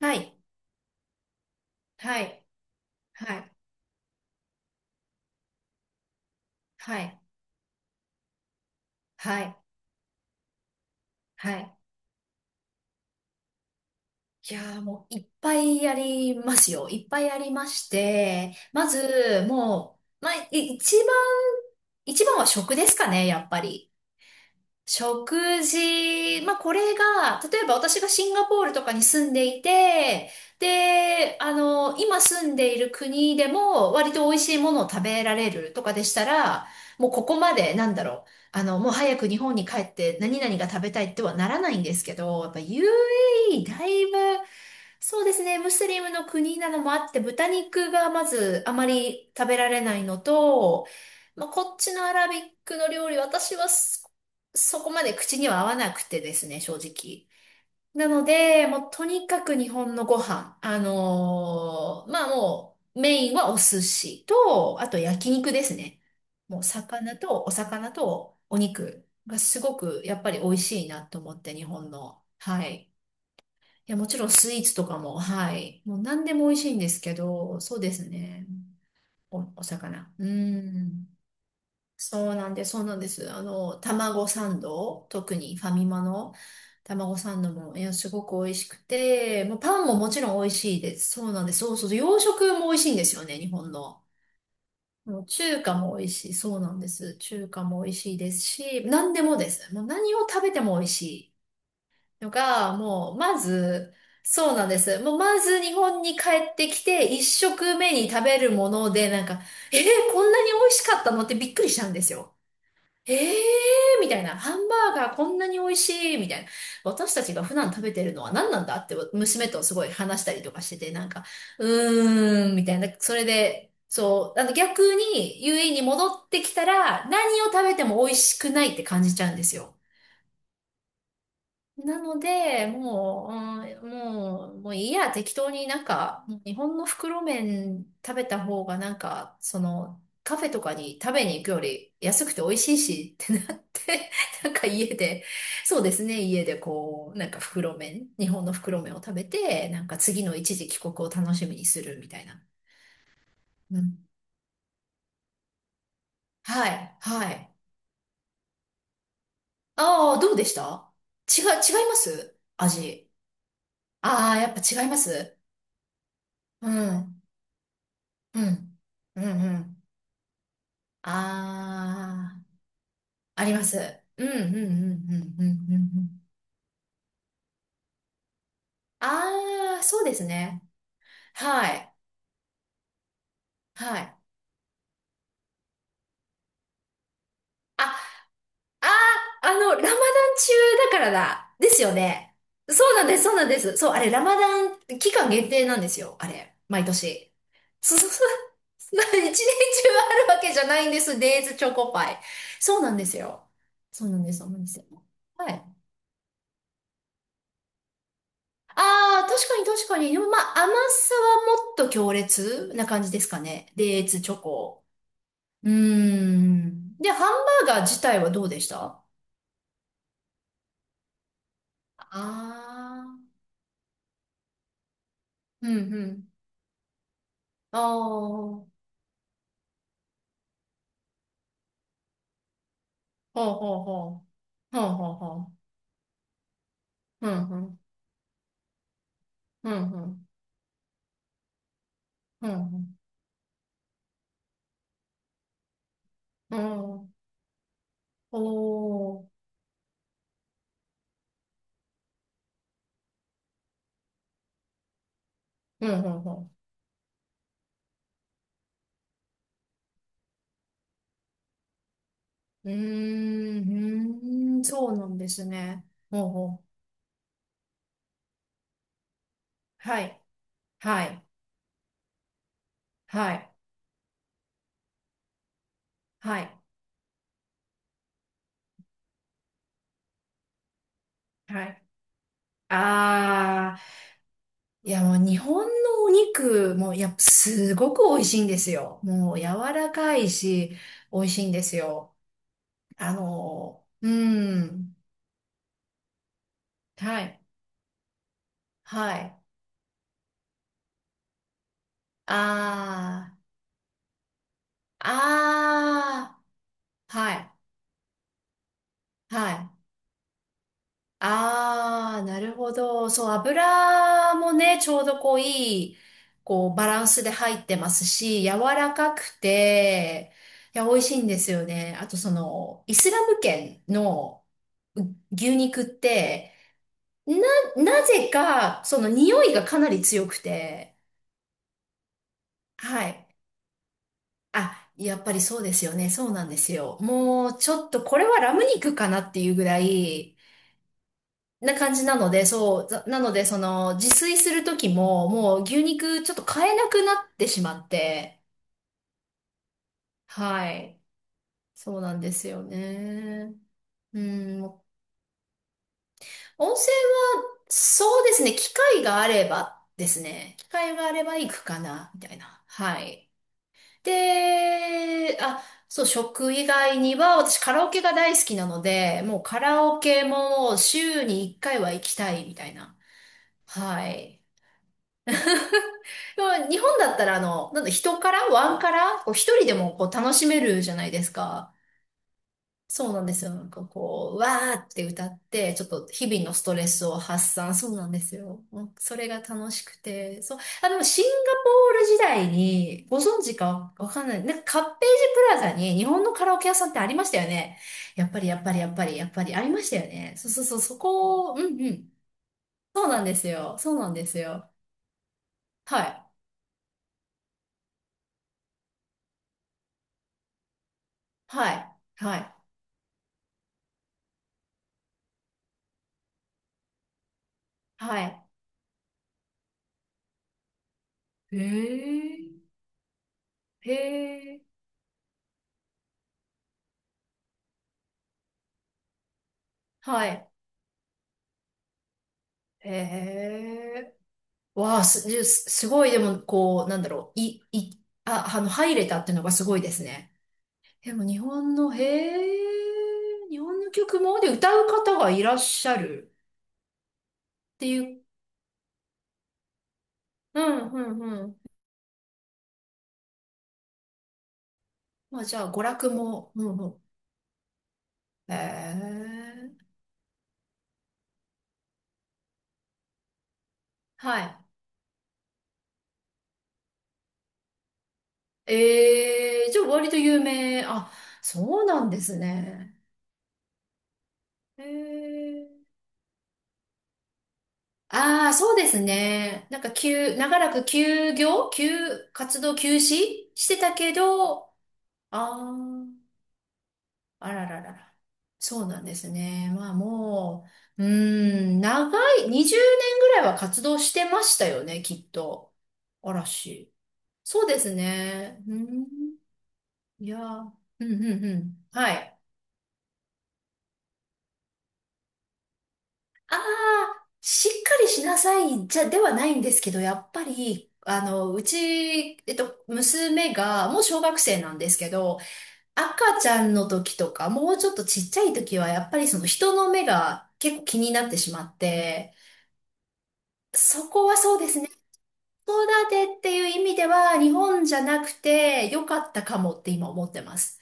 はい、はい、はい、はい、はい、はい。いやーもういっぱいありますよ。いっぱいありまして、まず、もう、まあ、い一番、一番は食ですかね、やっぱり。食事、まあ、これが、例えば私がシンガポールとかに住んでいて、で、今住んでいる国でも割と美味しいものを食べられるとかでしたら、もうここまで、もう早く日本に帰って何々が食べたいってはならないんですけど、やっぱ UAE だいぶそうですね。ムスリムの国なのもあって、豚肉がまずあまり食べられないのと、まあ、こっちのアラビックの料理、私はそこまで口には合わなくてですね、正直。なので、もうとにかく日本のご飯、まあもうメインはお寿司と、あと焼肉ですね。もう魚と、お魚とお肉がすごくやっぱり美味しいなと思って、日本の。はい。いや、もちろんスイーツとかも、はい。もう何でも美味しいんですけど、そうですね。お魚。うん。そうなんです。あの、卵サンド、特にファミマの卵サンドも、いや、すごく美味しくて、もうパンももちろん美味しいです。そうなんです。そうそうそう、洋食も美味しいんですよね、日本の。もう中華も美味しい。そうなんです。中華も美味しいですし、何でもです。もう何を食べても美味しい。のが、もう、まず、そうなんです。もう、まず日本に帰ってきて、一食目に食べるもので、えー、こんなに美味しかったのってびっくりしたんですよ。えー、みたいな。ハンバーガーこんなに美味しい、みたいな。私たちが普段食べてるのは何なんだって、娘とすごい話したりとかしてて、みたいな。それで、そう、あの逆に UAE に戻ってきたら、何を食べても美味しくないって感じちゃうんですよ。なので、もう、うん、もう、もういいや、適当になんか、もう日本の袋麺食べた方がなんか、その、カフェとかに食べに行くより安くて美味しいしってなって、なんか家で、そうですね、家でこう、なんか袋麺、日本の袋麺を食べて、なんか次の一時帰国を楽しみにするみたいな。うん。はい、はい。ああ、どうでした違います味。ああ、やっぱ違います。うん。うん。うんうん。ああ、あります。うんうんうんうんうんうんうん。ああ、そうですね。はい。はい。あ、ラマダン中だからだ。ですよね。そうなんです、そうなんです。そう、あれ、ラマダン期間限定なんですよ。あれ、毎年。そうそうそう。まあ一年中あるわけじゃないんです。デイズチョコパイ。そうなんですよ。そうなんです、そうなんですよ。はい。ああ、確かに確かに。でもまあ、甘さはもっと強烈な感じですかね。デーツチョコ。うーん。で、ハンバーガー自体はどうでしたああー、うんうん。ああ、ほうほうほう。ほうほうほう。うんうん。うんうん。うんうん。うんおー。うんうんうん。うーん、うーん、そうなんですね。ほうほう。はい。はい。はい。はい。はい。ああ。いや、もう日本のお肉もやっぱすごく美味しいんですよ。もう柔らかいし、美味しいんですよ。あの、うん。はい。はい。ああ、ああ、はい。はい。ああ、なるほど。そう、油もね、ちょうどこういい、こうバランスで入ってますし、柔らかくて、いや、美味しいんですよね。あとその、イスラム圏の、牛肉って、な、なぜか、その匂いがかなり強くて、はい。あ、やっぱりそうですよね。そうなんですよ。もう、ちょっとこれはラム肉かなっていうぐらい、な感じなので、その、自炊する時も、もう牛肉ちょっと買えなくなってしまって、はい。そうなんですよね。うん、もう温泉は、そうですね、機会があればですね、機会があれば行くかな、みたいな。はい。で、あ、そう、食以外には、私カラオケが大好きなので、もうカラオケも週に1回は行きたい、みたいな。はい。でも日本だったら、あの、なんだ、人から、ワンから、こう一人でもこう楽しめるじゃないですか。そうなんですよ。なんかこう、わーって歌って、ちょっと日々のストレスを発散。そうなんですよ。もうそれが楽しくて。そう。あ、でもシンガポール時代に、ご存知かわかんない。なんかカッページプラザに日本のカラオケ屋さんってありましたよね。やっぱりやっぱりやっぱりやっぱりありましたよね。そうそうそう、そこを、うんうん。そうなんですよ。そうなんですよ。はい。はい。はい。はい。へえ。へえ。はい。へえ。わあ、す、すすごい、でも、こう、なんだろう、い、い、あ、あの、入れたっていうのがすごいですね。でも、日本の曲も、で、歌う方がいらっしゃるっていう、うん、うん、うん。まあ、じゃあ、娯楽も、うん、うん。へえ、はい。ええ、じゃあ、割と有名、あ、そうなんですね。へえ。ああ、そうですね。長らく休業、休、活動休止してたけど、ああ、あらららら。そうなんですね。まあもう、うーん、長い、20年ぐらいは活動してましたよね、きっと。嵐。そうですね。うん、いやー、うん、うん、うん。はい。ああ、しっかりしなさい、じゃ、ではないんですけど、やっぱり、あの、うち、えっと、娘が、もう小学生なんですけど、赤ちゃんの時とか、もうちょっとちっちゃい時は、やっぱりその人の目が結構気になってしまって、そこはそうですね。子育てっていう意味では、日本じゃなくて良かったかもって今思ってます。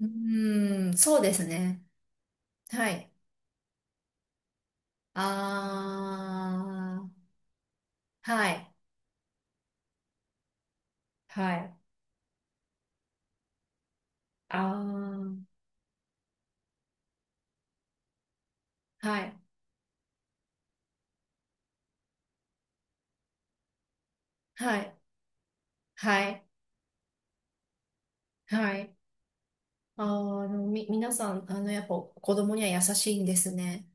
うーん、そうですね。はい。あー、はい、はい、あー、はい、はい、はい、はい。あー、あのみ、皆さん、あの、やっぱ子供には優しいんですね。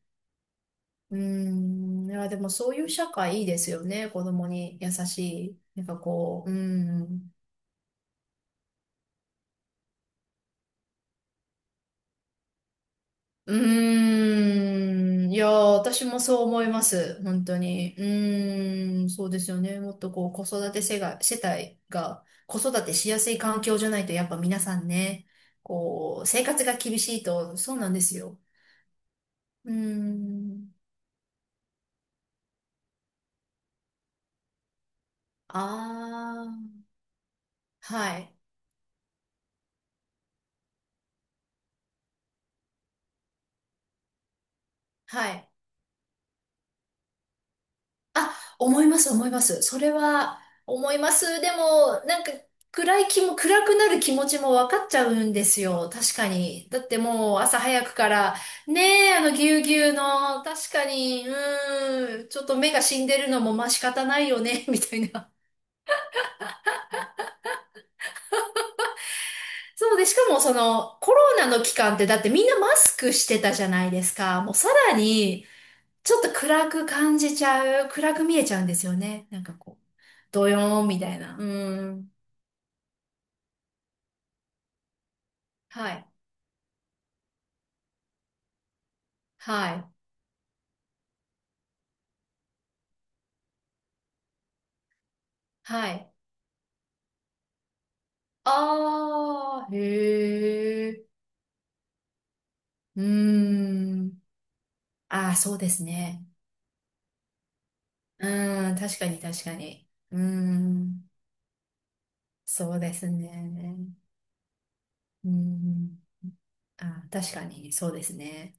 うーん、いや、でもそういう社会いいですよね。子供に優しい。なんかこう、うん。うーん、いや、私もそう思います。本当に。うーん、そうですよね。もっとこう、子育て世が、世帯が、子育てしやすい環境じゃないと、やっぱ皆さんね、こう、生活が厳しいと、そうなんですよ。うーん。ああ、はい、はい。あ、思います、思います。それは思います。でも、暗くなる気持ちも分かっちゃうんですよ。確かに。だってもう朝早くから、ねえ、あのぎゅうぎゅうの、確かに、うーん、ちょっと目が死んでるのもまあ仕方ないよね、みたいな。そうで、しかもそのコロナの期間ってだってみんなマスクしてたじゃないですか。もうさらに、ちょっと暗く感じちゃう、暗く見えちゃうんですよね。なんかこう、ドヨーンみたいな。うーん。はい。はい。はい。ああ、へえ。うーん。ああ、そうですね。うーん、確かに確かに。うーん、そうですね。うーん。あー、確かに、そうですね。